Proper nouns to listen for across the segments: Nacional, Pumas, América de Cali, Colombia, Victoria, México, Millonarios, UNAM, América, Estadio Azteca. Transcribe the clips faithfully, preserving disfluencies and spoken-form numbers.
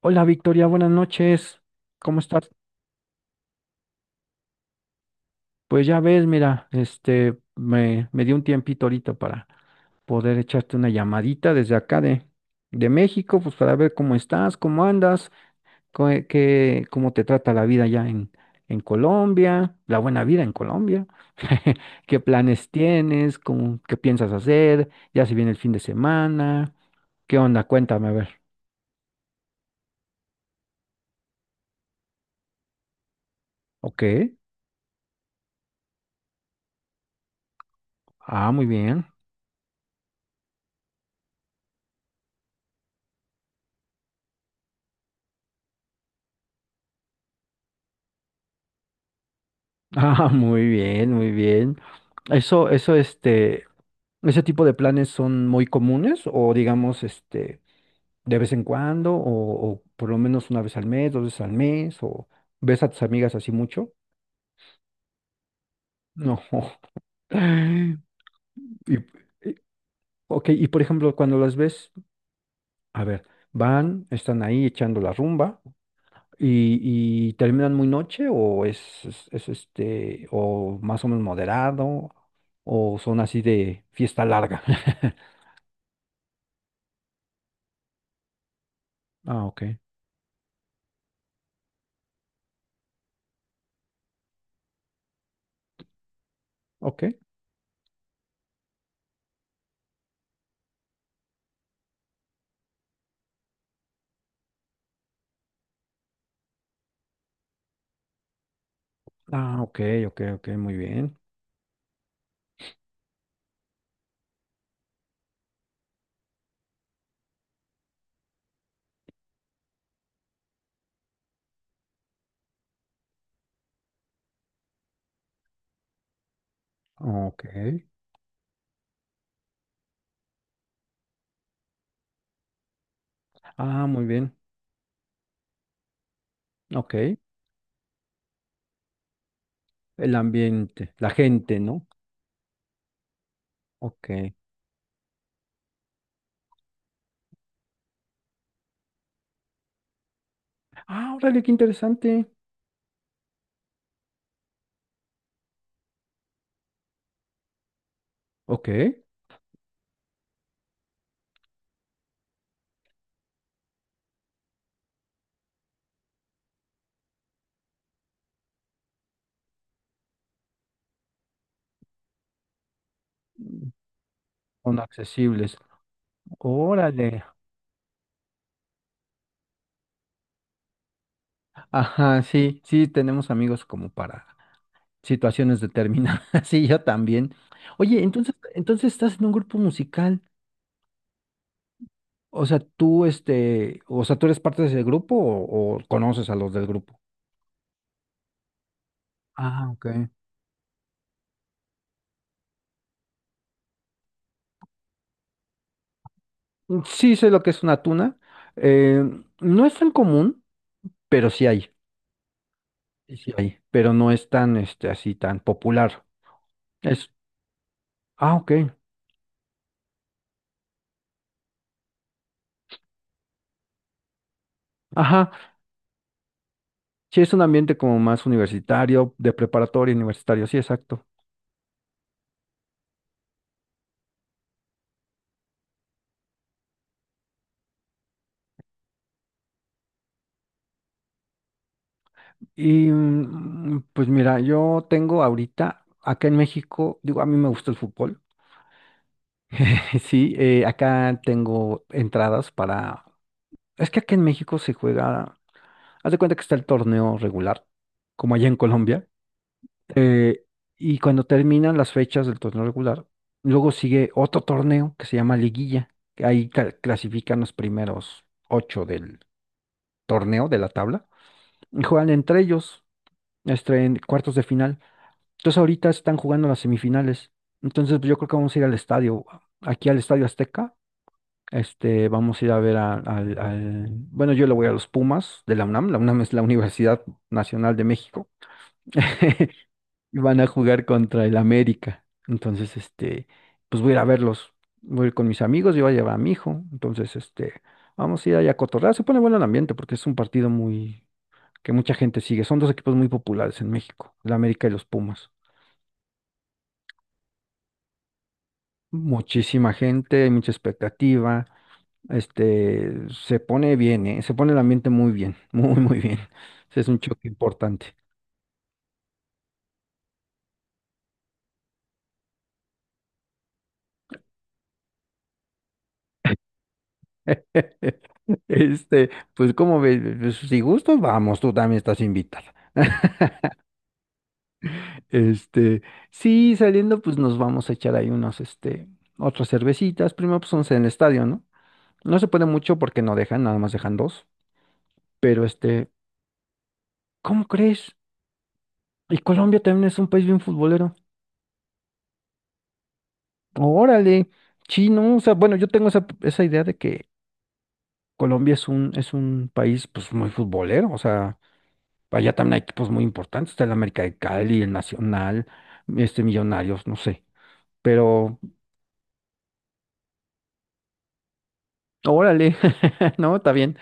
Hola Victoria, buenas noches. ¿Cómo estás? Pues ya ves, mira, este, me, me dio un tiempito ahorita para poder echarte una llamadita desde acá de, de México, pues para ver cómo estás, cómo andas, co- eh, qué, cómo te trata la vida allá en, en Colombia, la buena vida en Colombia, qué planes tienes, cómo, qué piensas hacer, ya se viene el fin de semana, qué onda, cuéntame a ver. Ok, ah, muy bien. Ah, muy bien, muy bien. Eso, eso, este, ese tipo de planes son muy comunes o digamos, este, de vez en cuando o, o por lo menos una vez al mes, dos veces al mes o ves a tus amigas así mucho. No. Y, y- ok, y por ejemplo, cuando las ves, a ver, van, están ahí echando la rumba. ¿Y, y terminan muy noche o es, es, es, este, o más o menos moderado, o son así de fiesta larga? Ah, ok, ok. Ah, ok, ok, ok, muy bien. Ok. Ah, muy bien. Ok. El ambiente, la gente, ¿no? Ok. Ah, órale, qué interesante. Ok. Son accesibles. Órale. Ajá, sí, sí, tenemos amigos como para situaciones determinadas. Sí, yo también. Oye, entonces, entonces estás en un grupo musical. O sea, tú, este, o sea, tú eres parte de ese grupo o, o conoces a los del grupo. Ah, ok. Mm, sí sé lo que es una tuna. eh, no es tan común, pero sí hay. Sí, sí hay. Pero no es tan, este, así tan popular. Es, ah, ok. Ajá. Sí, es un ambiente como más universitario, de preparatoria universitario. Sí, exacto. Y mm, pues mira, yo tengo ahorita, acá en México, digo, a mí me gusta el fútbol. Sí, eh, acá tengo entradas para... Es que acá en México se juega, haz de cuenta que está el torneo regular, como allá en Colombia. eh, y cuando terminan las fechas del torneo regular, luego sigue otro torneo que se llama Liguilla, que ahí ca- clasifican los primeros ocho del torneo, de la tabla, y juegan entre ellos, este, en cuartos de final. Entonces ahorita están jugando las semifinales. Entonces pues, yo creo que vamos a ir al estadio, aquí al Estadio Azteca. Este, vamos a ir a ver a- al, al- bueno, yo le voy a los Pumas de la UNAM. La UNAM es la Universidad Nacional de México. Y van a jugar contra el América. Entonces, este, pues voy a ir a verlos. Voy a ir con mis amigos, yo voy a llevar a mi hijo. Entonces, este, vamos a ir allá a cotorrear. Se pone bueno el ambiente porque es un partido muy, que mucha gente sigue. Son dos equipos muy populares en México, el América y los Pumas. Muchísima gente, hay mucha expectativa. Este, se pone bien, ¿eh? Se pone el ambiente muy bien, muy, muy bien. Ese es un choque importante. Este, pues como ves, pues, si gustos vamos, tú también estás invitada. Este, sí, saliendo, pues nos vamos a echar ahí unos, este, otras cervecitas. Primero, pues once en el estadio, ¿no? No se puede mucho porque no dejan, nada más dejan dos. Pero este, ¿cómo crees? Y Colombia también es un país bien futbolero. Órale, sí, no, o sea, bueno, yo tengo esa, esa idea de que Colombia es un, es un país pues muy futbolero, o sea, allá también hay equipos muy importantes, está el América de Cali, el Nacional, este Millonarios, no sé, pero órale, no, está bien.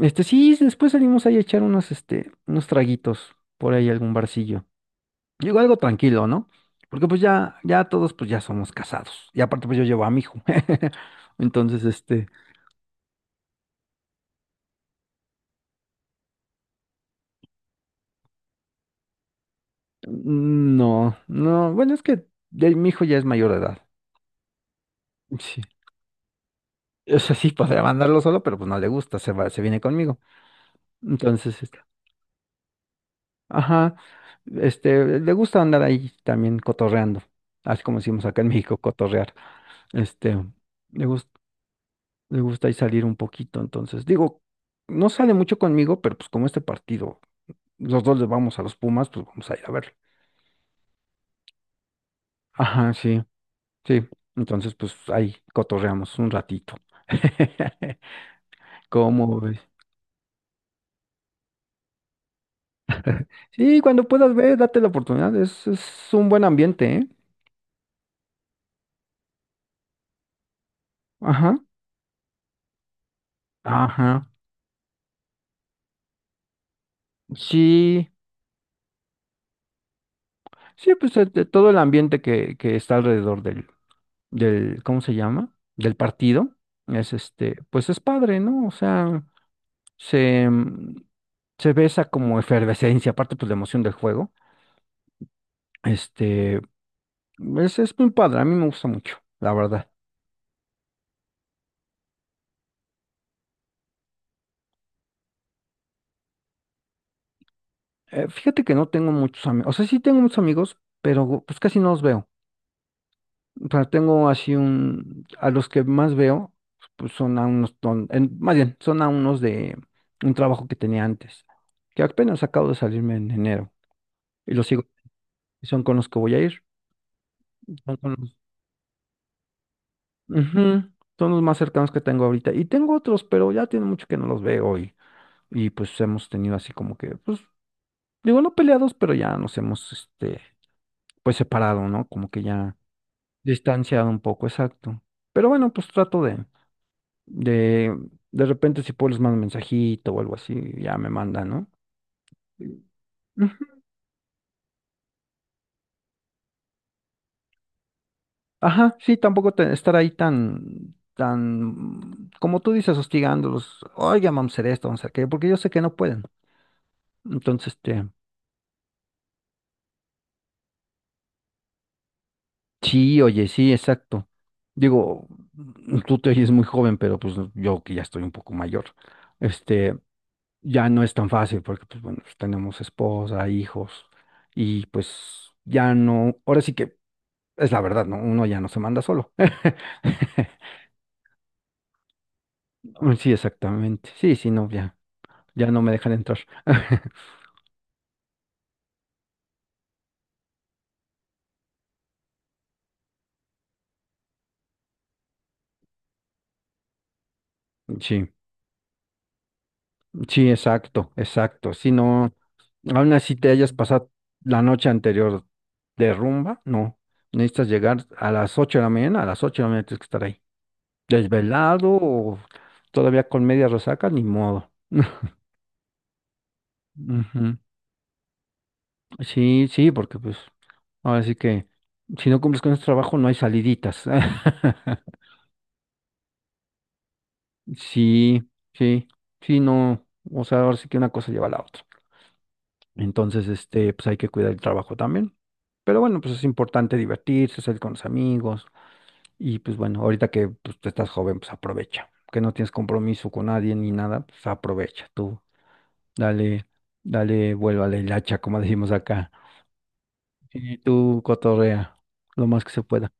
Este, sí, después salimos ahí a echar unos, este, unos traguitos por ahí, algún barcillo. Digo, algo tranquilo, ¿no? Porque pues ya, ya todos pues ya somos casados. Y aparte pues yo llevo a mi hijo. Entonces, este, Mm, no, no, bueno, es que ya- mi hijo ya es mayor de edad. Sí. O sea, sí podría mandarlo solo, pero pues no le gusta, se va, se viene conmigo. Entonces, este, ajá, este, le gusta andar ahí también cotorreando, así como decimos acá en México, cotorrear. Este, le gusta, le gusta ahí salir un poquito, entonces, digo, no sale mucho conmigo, pero pues como este partido, los dos le vamos a los Pumas, pues vamos a ir a verlo. Ajá, sí, sí. Entonces, pues ahí cotorreamos un ratito. ¿Cómo ves? Sí, cuando puedas ver, date la oportunidad. Es, es un buen ambiente, ¿eh? Ajá. Ajá. Sí, sí, pues eh, de todo el ambiente que, que está alrededor del, del, ¿cómo se llama? Del partido. Es este, pues es padre, ¿no? O sea, se, mm, se ve esa como efervescencia, aparte pues la emoción del juego. Este, es, es muy padre, a mí me gusta mucho, la verdad. Eh, fíjate que no tengo muchos amigos, o sea, sí tengo muchos amigos, pero pues casi no los veo. O sea, tengo así un, a los que más veo, pues son a unos, ton- en- más bien, son a unos de un trabajo que tenía antes, que apenas acabo de salirme en enero, y los sigo, y son con los que voy a ir, son con los, ujú, son los más cercanos que tengo ahorita, y tengo otros, pero ya tiene mucho que no los veo, y, y pues hemos tenido así como que, pues, digo, no peleados, pero ya nos hemos, este, pues separado, ¿no? Como que ya distanciado un poco, exacto. Pero bueno, pues trato de De, de repente si puedo les mando un mensajito o algo así, ya me mandan, ¿no? Ujú. Ajá, sí, tampoco te- estar ahí tan, tan, como tú dices, hostigándolos, oiga, vamos a hacer esto, vamos a hacer aquello, porque yo sé que no pueden. Entonces, este, sí, oye, sí, exacto. Digo, mm, tú te oyes muy joven, pero pues yo que ya estoy un poco mayor, este, ya no es tan fácil, porque pues bueno, pues, tenemos esposa, hijos, y pues ya no, ahora sí que Es la verdad, ¿no? Uno ya no se manda solo. Sí, exactamente. Sí, sí, no, ya, ya no me dejan entrar. Sí, sí, exacto, exacto. Si no, aún así te hayas pasado la noche anterior de rumba, no. Necesitas llegar a las ocho de la mañana, a las ocho de la mañana tienes que estar ahí. Desvelado o todavía con media resaca, ni modo. Ujú. Sí, sí, porque pues ahora sí que si no cumples con ese trabajo no hay saliditas. Sí, sí, sí, no, o sea, ahora sí que una cosa lleva a la otra. Entonces, este, pues hay que cuidar el trabajo también. Pero bueno, pues es importante divertirse, salir con los amigos. Y pues bueno, ahorita que pues, tú estás joven, pues aprovecha. Que no tienes compromiso con nadie ni nada, pues aprovecha. Tú dale, dale, vuelva a la hilacha, como decimos acá. Y tú cotorrea lo más que se pueda.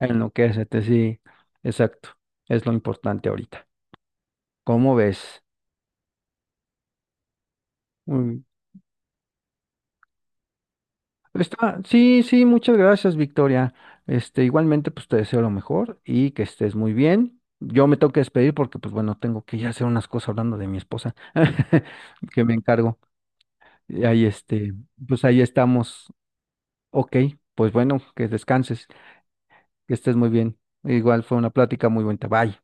Enloquécete, sí, exacto. Es lo importante ahorita. ¿Cómo ves? Está, sí, sí, muchas gracias, Victoria. Este, igualmente, pues te deseo lo mejor y que estés muy bien. Yo me tengo que despedir porque, pues bueno, tengo que ir a hacer unas cosas hablando de mi esposa, que me encargo. Y ahí, este, pues ahí estamos. Ok, pues bueno, que descanses, que estés muy bien. Igual fue una plática muy buena. Bye.